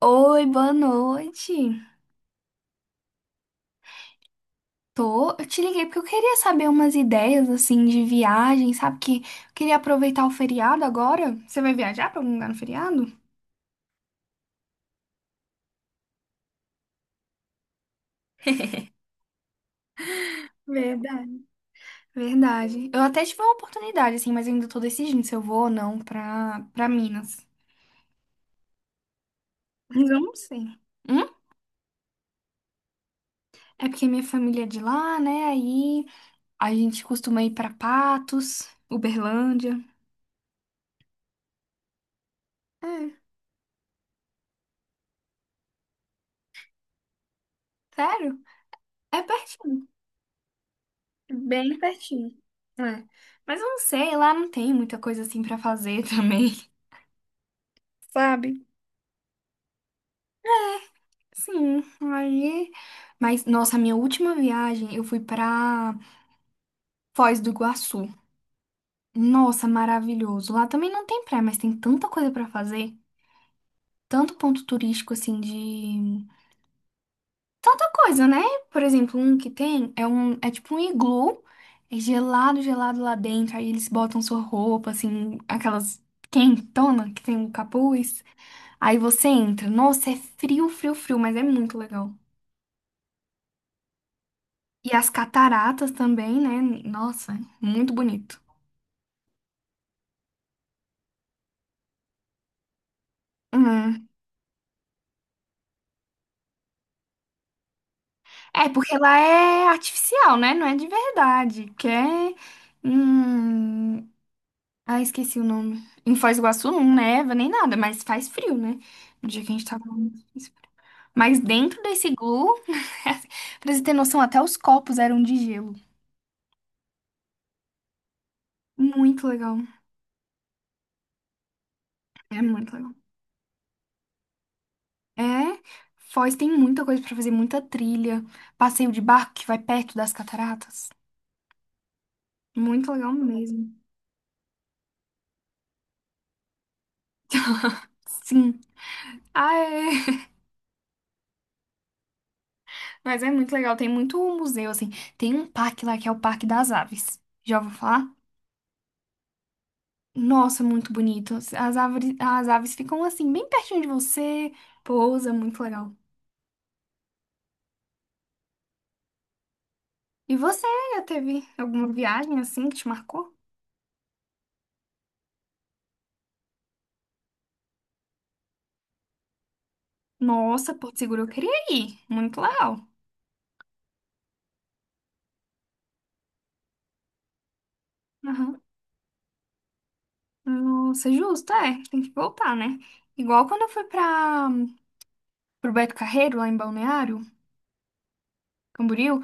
Oi, boa noite. Tô, eu te liguei porque eu queria saber umas ideias assim de viagem, sabe? Que eu queria aproveitar o feriado agora. Você vai viajar pra algum lugar no feriado? Verdade. Verdade. Eu até tive uma oportunidade assim, mas eu ainda tô decidindo se eu vou ou não pra para Minas. Mas eu não sei. Hum? É porque minha família é de lá, né? Aí a gente costuma ir pra Patos, Uberlândia. É, sério? É pertinho. Bem pertinho. É. Mas eu não sei, lá não tem muita coisa assim pra fazer também, sabe? Sim, aí. Mas, nossa, a minha última viagem eu fui pra Foz do Iguaçu. Nossa, maravilhoso. Lá também não tem praia, mas tem tanta coisa pra fazer. Tanto ponto turístico assim de. Tanta coisa, né? Por exemplo, um que tem é um. É tipo um iglu. É gelado, gelado lá dentro. Aí eles botam sua roupa, assim, aquelas quentona que tem o capuz. Aí você entra. Nossa, é frio, frio, frio, mas é muito legal. E as cataratas também, né? Nossa, é muito bonito. Hum. É, porque lá é artificial, né? Não é de verdade. Que é. Hum... Ah, esqueci o nome. Em Foz do Iguaçu não neva nem nada, mas faz frio, né? No dia que a gente tava lá. Muito frio. Mas dentro desse iglu, pra você ter noção, até os copos eram de gelo. Muito legal. É muito legal. É, Foz tem muita coisa pra fazer, muita trilha, passeio de barco que vai perto das cataratas. Muito legal mesmo. Sim. Ah, é. Mas é muito legal, tem muito museu assim. Tem um parque lá que é o Parque das Aves. Já ouviu falar? Nossa, muito bonito. As árvores, as aves ficam assim bem pertinho de você, pousa, muito legal. E você já teve alguma viagem assim que te marcou? Nossa, Porto Seguro eu queria ir. Muito legal. Nossa, justo, é, tem que voltar, né? Igual quando eu fui para pro Beto Carreiro, lá em Balneário, Camboriú,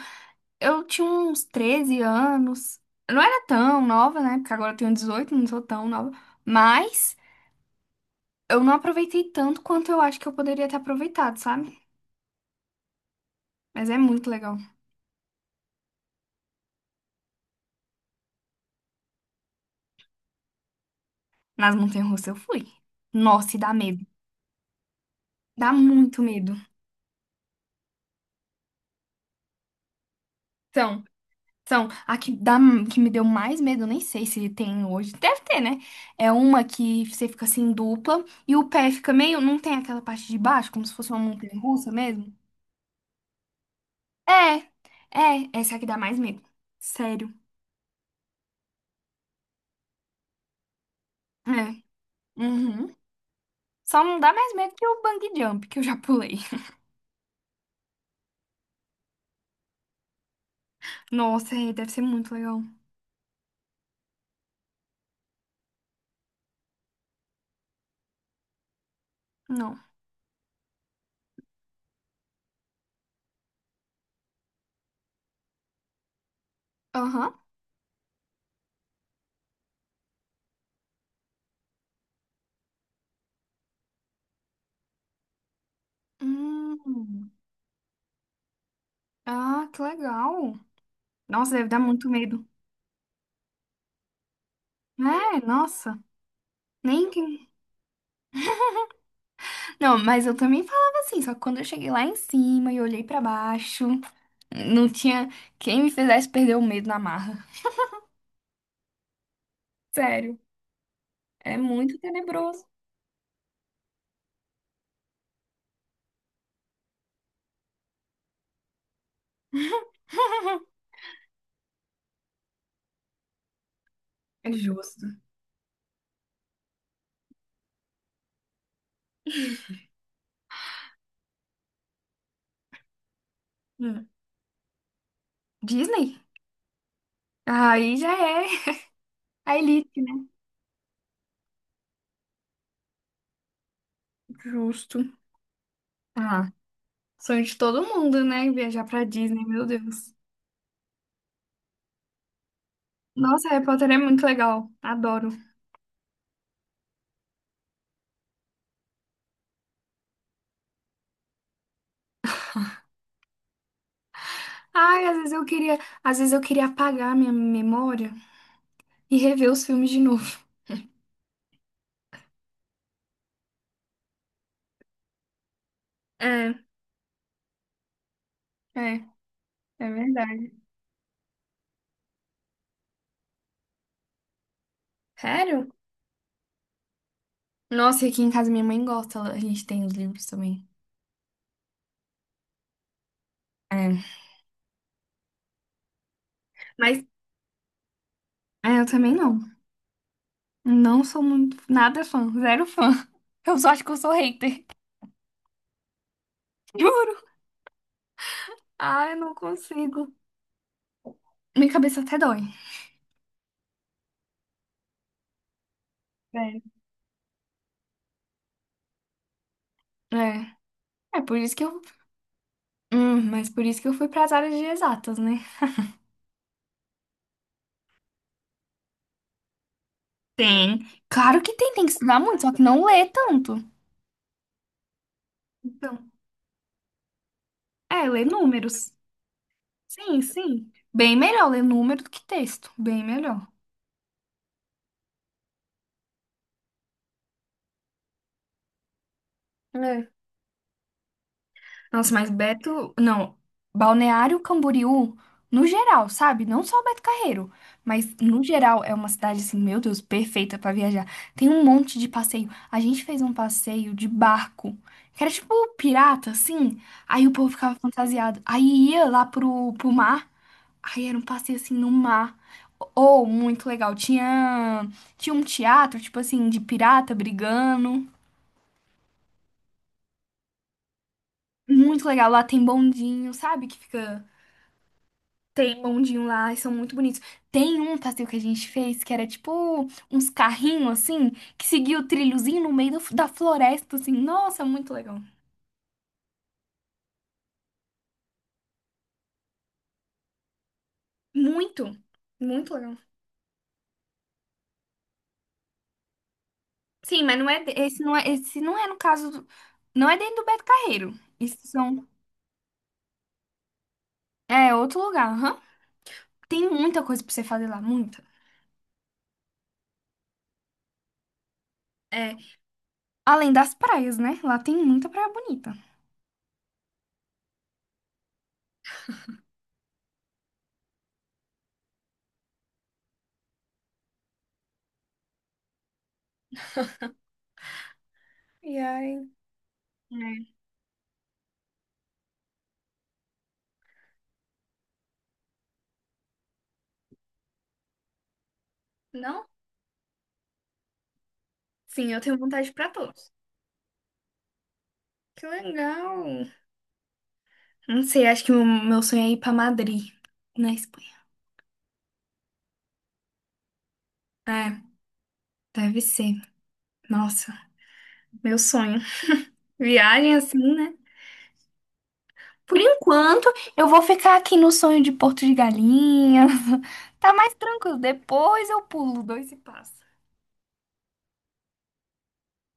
eu tinha uns 13 anos. Eu não era tão nova, né? Porque agora eu tenho 18, não sou tão nova. Mas eu não aproveitei tanto quanto eu acho que eu poderia ter aproveitado, sabe? Mas é muito legal. Nas montanhas-russas eu fui. Nossa, e dá medo. Dá muito medo. Então, são, a que, dá, que me deu mais medo, nem sei se tem hoje, deve ter, né? É uma que você fica assim dupla e o pé fica meio, não tem aquela parte de baixo, como se fosse uma montanha russa mesmo? É, essa que dá mais medo. Sério. É. Uhum. Só não dá mais medo que o bungee jump, que eu já pulei. Nossa, é, deve ser muito legal. Não. Aham. Hum. Ah, que legal. Nossa, deve dar muito medo. É, nossa. Nem que. Não, mas eu também falava assim, só que quando eu cheguei lá em cima e olhei pra baixo, não tinha quem me fizesse perder o medo na marra. Sério, é muito tenebroso. É justo. Hum. Disney? Aí já é a elite, né? Justo. Ah, sonho de todo mundo, né? Viajar pra Disney, meu Deus. Nossa, Harry Potter é muito legal. Adoro. Ai, às vezes eu queria apagar minha memória e rever os filmes de novo. É, é, é verdade. Sério? Nossa, e aqui em casa minha mãe gosta, ela- a gente tem os livros também. É. Mas é, eu também não. Não sou muito, nada fã, zero fã. Eu só acho que eu sou hater. Juro. Ai, eu não consigo. Minha cabeça até dói. Sério. É. É por isso que eu. Mas por isso que eu fui para as áreas de exatas, né? Tem. Claro que tem, tem que estudar muito, só que não lê tanto. Então, é, ler números. Sim. Bem melhor ler número do que texto. Bem melhor. Nossa, mas Beto, não, Balneário Camboriú, no geral, sabe? Não só Beto Carreiro, mas no geral é uma cidade assim, meu Deus, perfeita pra viajar. Tem um monte de passeio. A gente fez um passeio de barco, que era tipo pirata, assim. Aí o povo ficava fantasiado. Aí ia lá pro mar, aí era um passeio assim no mar. Ou muito legal. Tinha um teatro, tipo assim, de pirata brigando. Muito legal. Lá tem bondinho, sabe? Que fica. Tem um bondinho lá, e são muito bonitos. Tem um passeio que a gente fez que era tipo uns carrinhos assim, que seguia o trilhozinho no meio do- da floresta, assim. Nossa, muito legal. Muito, muito legal. Sim, mas não é de- esse não é no caso do, não é dentro do Beto Carreiro. Isso são é outro lugar, aham. Tem muita coisa pra você fazer lá, muita. É, além das praias, né? Lá tem muita praia bonita. E aí, é. Não? Sim, eu tenho vontade pra todos. Que legal. Não sei, acho que o meu sonho é ir pra Madrid, na Espanha. É, deve ser. Nossa, meu sonho. Viagem assim, né? Por enquanto, eu vou ficar aqui no sonho de Porto de Galinhas. Tá mais tranquilo. Depois eu pulo dois e passo.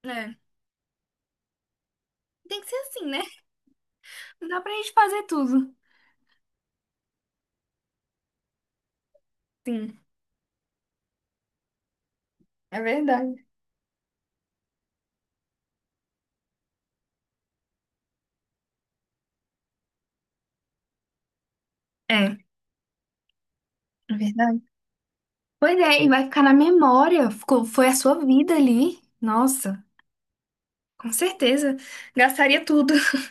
É, tem que ser assim, né? Não dá pra gente fazer tudo. Sim, é verdade. É, é verdade. Pois é, e vai ficar na memória. Ficou, foi a sua vida ali. Nossa, com certeza. Gastaria tudo.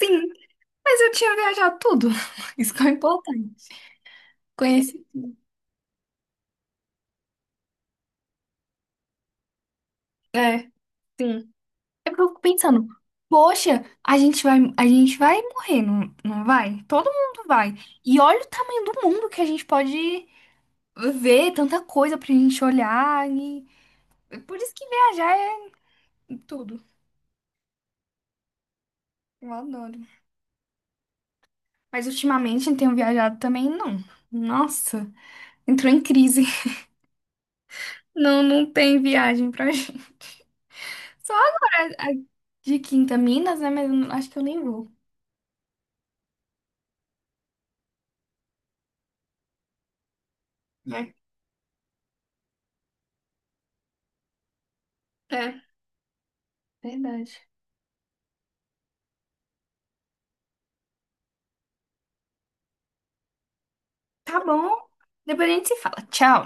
Sim. Mas eu tinha viajado tudo. Isso que é o importante. Conheci tudo. É, sim. É porque eu fico pensando, poxa, a gente vai morrer, não vai? Todo mundo vai. E olha o tamanho do mundo que a gente pode ver, tanta coisa pra gente olhar. E... Por isso que viajar é tudo. Eu adoro. Mas ultimamente eu não tenho viajado também, não. Nossa, entrou em crise. Não, não tem viagem pra gente. Só agora, a- de Quinta, Minas, né? Mas eu não- acho que eu nem vou. É, é, verdade. Tá bom. Depois a gente se fala. Tchau.